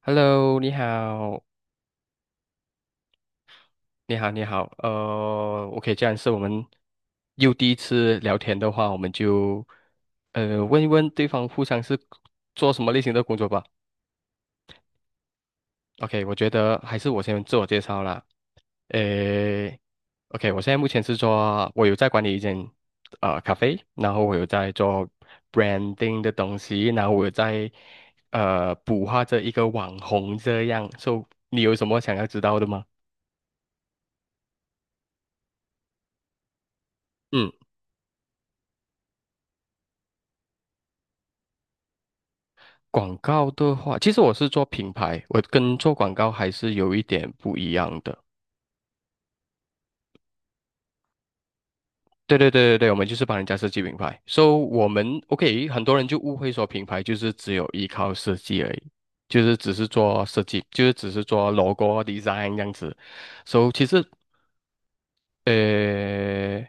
Hello,你好，你好，你好，呃，OK,这样是我们又第一次聊天的话，我们就问一问对方互相是做什么类型的工作吧。OK,我觉得还是我先自我介绍啦。诶，OK,我现在目前是做，我有在管理一间咖啡，然后我有在做 branding 的东西，然后我有在捕获着一个网红这样。So,你有什么想要知道的吗？嗯。广告的话，其实我是做品牌，我跟做广告还是有一点不一样的。对对对对对，我们就是帮人家设计品牌。So 我们 OK,很多人就误会说品牌就是只有依靠设计而已，就是只是做设计，就是只是做 logo 啊 design 这样子。So 其实呃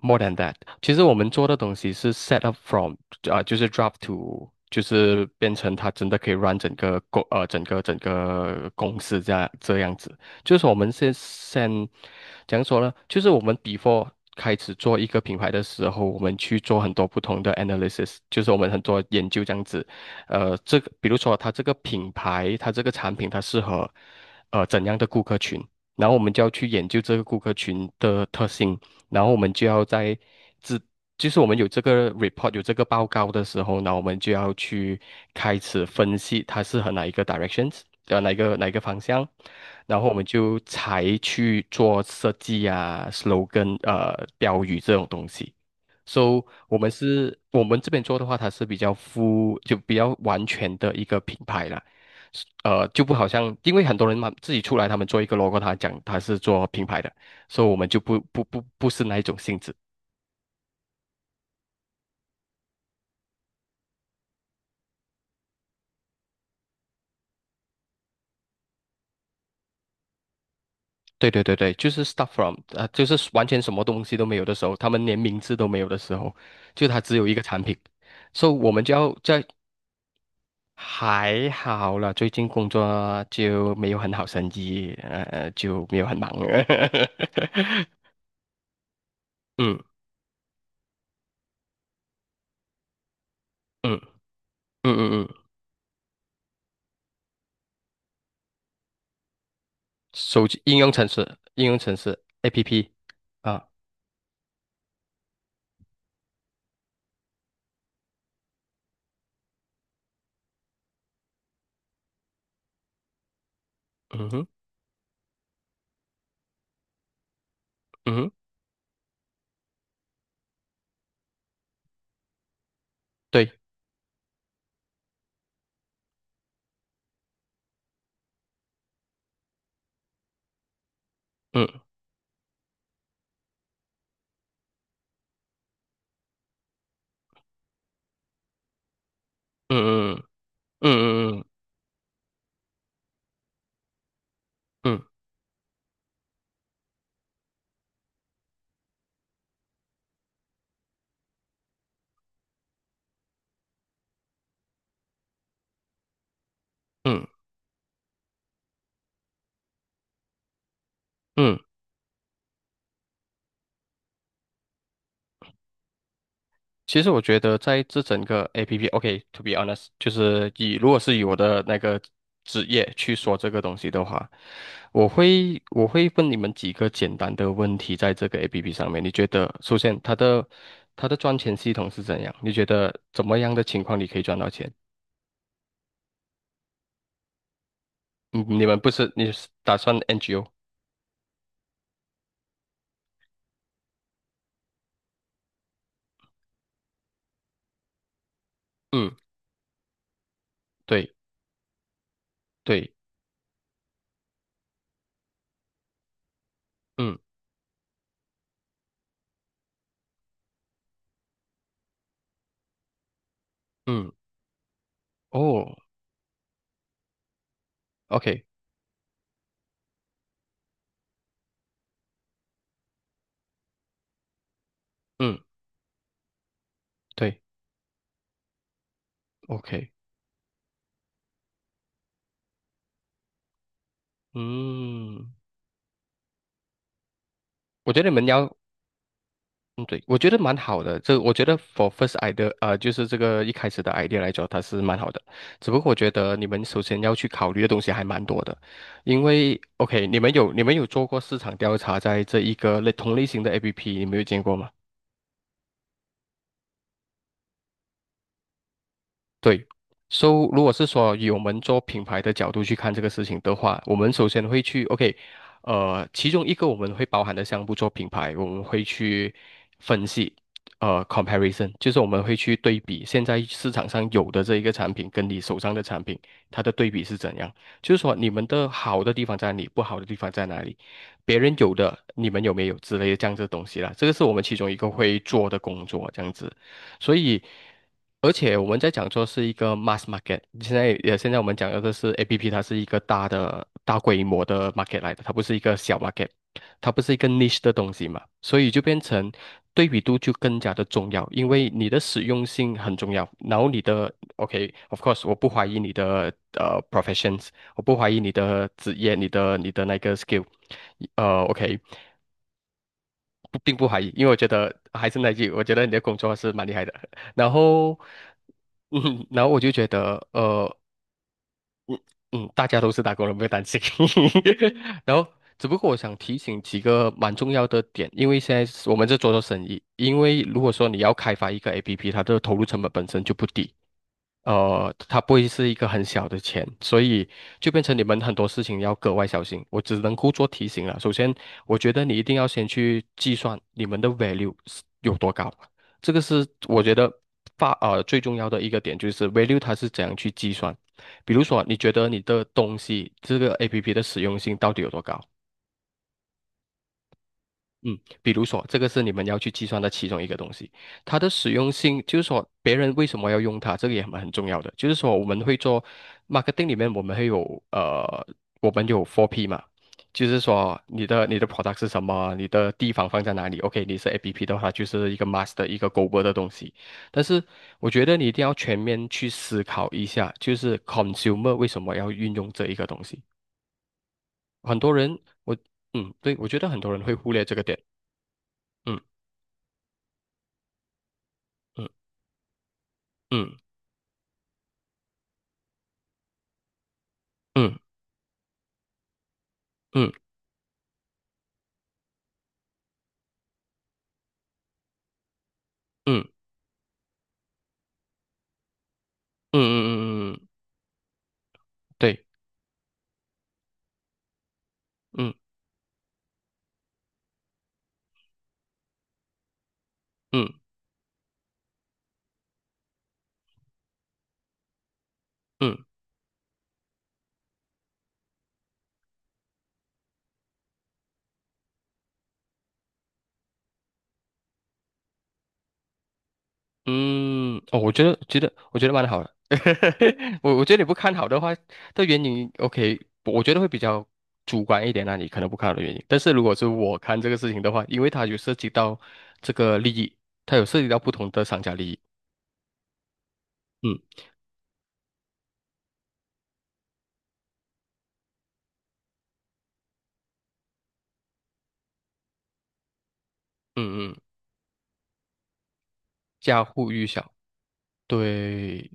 ，more than that,其实我们做的东西是 set up from 啊、就是 drop to,就是变成它真的可以 run 整个整个公司这样子。就是说我们先怎样说呢？就是我们 before 开始做一个品牌的时候，我们去做很多不同的 analysis,就是我们很多研究这样子。这个比如说它这个品牌，它这个产品它适合怎样的顾客群。然后我们就要去研究这个顾客群的特性，然后我们就要在自，就是我们有这个 report 有这个报告的时候，那我们就要去开始分析它适合哪一个 directions,哪一个方向，然后我们才去做设计啊、slogan 标语这种东西。So,我们是，我们这边做的话，它是比较 比较完全的一个品牌啦。是就不好像，因为很多人嘛，自己出来，他们做一个 logo,他讲他是做品牌的，所以我们就不是那一种性质。对对对对，就是 start from,就是完全什么东西都没有的时候，他们连名字都没有的时候，就它只有一个产品。所以，我们就要在还好了，最近工作就没有很好生意，就没有很忙。嗯嗯嗯嗯嗯，手机应用程式，应用程式 APP 啊，嗯哼嗯哼，对，嗯嗯嗯嗯嗯嗯嗯嗯嗯，其实我觉得在这整个 APP,OK,to be honest,就是以如果是以我的那个职业去说这个东西的话，我会问你们几个简单的问题，在这个 APP 上面，你觉得首先它的赚钱系统是怎样？你觉得怎么样的情况你可以赚到钱？嗯你们不是，你是打算 NGO?嗯，对对，嗯嗯，哦，OK,嗯，对，OK,嗯，我觉得你们要，嗯，对，我觉得蛮好的。这我觉得 for first idea,就是这个一开始的 idea 来讲，它是蛮好的。只不过我觉得你们首先要去考虑的东西还蛮多的，因为 OK,你们有做过市场调查，在这一个类同类型的 APP,你们有见过吗？对，so 如果是说以我们做品牌的角度去看这个事情的话，我们首先会去 OK,其中一个我们会包含的项目做品牌，我们会去分析，comparison,就是我们会去对比现在市场上有的这一个产品跟你手上的产品，它的对比是怎样，就是说你们的好的地方在哪里，不好的地方在哪里，别人有的你们有没有之类的这样子的东西啦，这个是我们其中一个会做的工作，这样子。所以而且我们在讲说是一个 mass market,现在我们讲的这是 APP,它是一个大规模的 market 来的，它不是一个小 market,它不是一个 niche 的东西嘛，所以就变成对比度就更加的重要，因为你的实用性很重要，然后你的 OK,of course,我不怀疑你的professions,我不怀疑你的职业，你的那个 skill,呃 OK。不并不怀疑，因为我觉得还是那句，我觉得你的工作是蛮厉害的。然后，然后我就觉得，嗯大家都是打工人，不要担心。然后，只不过我想提醒几个蛮重要的点，因为现在是我们在做做生意，因为如果说你要开发一个 APP,它的投入成本本身就不低，它不会是一个很小的钱，所以就变成你们很多事情要格外小心。我只能够做提醒了。首先，我觉得你一定要先去计算你们的 value 是有多高，这个是我觉得最重要的一个点，就是 value 它是怎样去计算。比如说，你觉得你的东西这个 APP 的实用性到底有多高？嗯，比如说，这个是你们要去计算的其中一个东西，它的使用性，就是说别人为什么要用它，这个也蛮很重要的。就是说，我们会做 marketing 里面，我们会有呃，我们有 four p 嘛，就是说你的 product 是什么，你的地方放在哪里。OK,你是 APP 的话，就是一个 mass 的一个 global 的东西。但是我觉得你一定要全面去思考一下，就是 consumer 为什么要运用这一个东西。很多人，我对，我觉得很多人会忽略这个点。嗯。嗯。嗯嗯嗯嗯嗯嗯嗯嗯，对，嗯嗯嗯嗯，哦，我觉得蛮好的，我觉得你不看好的话，的原因，OK,我觉得会比较主观一点那、你可能不看好的原因，但是如果是我看这个事情的话，因为它有涉及到这个利益，它有涉及到不同的商家利益，嗯嗯嗯，家喻户晓。对，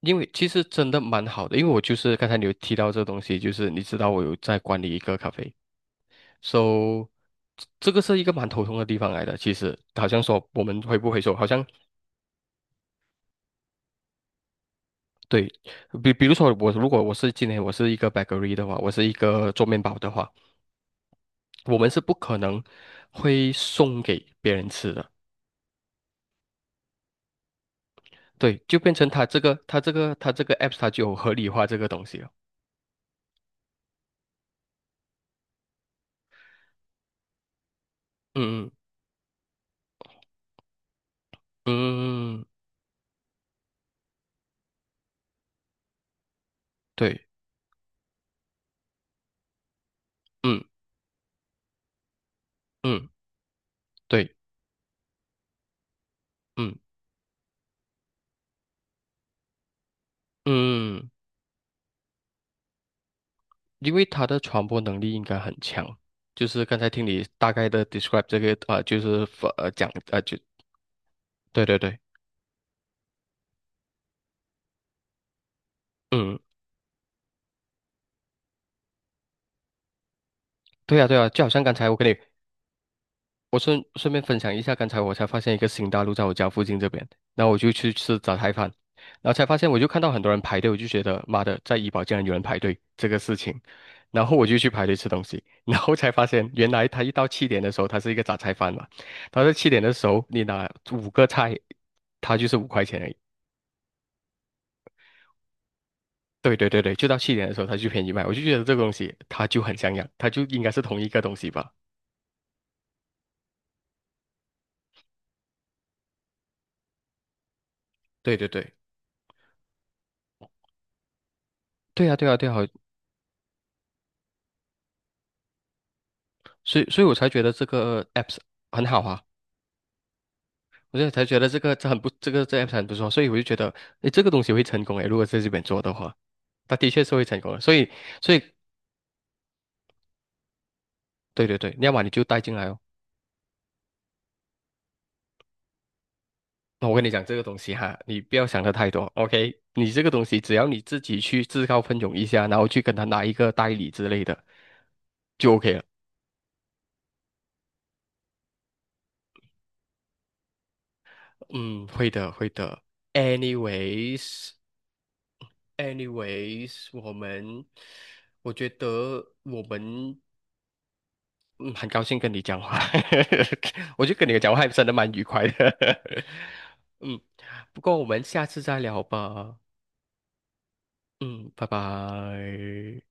因为其实真的蛮好的，因为我就是刚才你有提到这东西，就是你知道我有在管理一个咖啡，So,这个是一个蛮头痛的地方来的。其实，好像说我们回不回收，好像对，比如说我如果我是今天我是一个 bakery 的话，我是一个做面包的话，我们是不可能会送给别人吃的。对，就变成他这个 apps 它就有合理化这个东西了。嗯嗯嗯，嗯对，嗯嗯对，嗯嗯。因为它的传播能力应该很强，就是刚才听你大概的 describe 这个啊、呃就是呃讲啊呃就对对对，嗯，对呀啊对呀啊，就好像刚才我跟你，我顺便分享一下，刚才我才发现一个新大陆在我家附近这边，然后我就去吃早菜饭，然后才发现我就看到很多人排队，我就觉得妈的，在怡保竟然有人排队这个事情，然后我就去排队吃东西，然后才发现原来他1到7点的时候，他是一个杂菜饭嘛，他在七点的时候你拿5个菜，他就是5块钱而已。对对对对，就到去年的时候，他就便宜卖，我就觉得这个东西他就很像样，他就应该是同一个东西吧。对对对，对啊，对啊，对啊，所以我才觉得这个 apps 很好啊，我就才觉得这个这 apps 很不错，所以我就觉得，诶，这个东西会成功诶，如果在这边做的话，它的确是会成功的，所以对对对，要么你就带进来哦。那我跟你讲这个东西哈，你不要想的太多，OK?你这个东西只要你自己去自告奋勇一下，然后去跟他拿一个代理之类的，就 OK 了。嗯，会的，会的。Anyways,anyways,我们，我觉得我们，嗯，很高兴跟你讲话，我觉得跟你讲话还真的蛮愉快的。嗯，不过我们下次再聊吧。嗯，拜拜。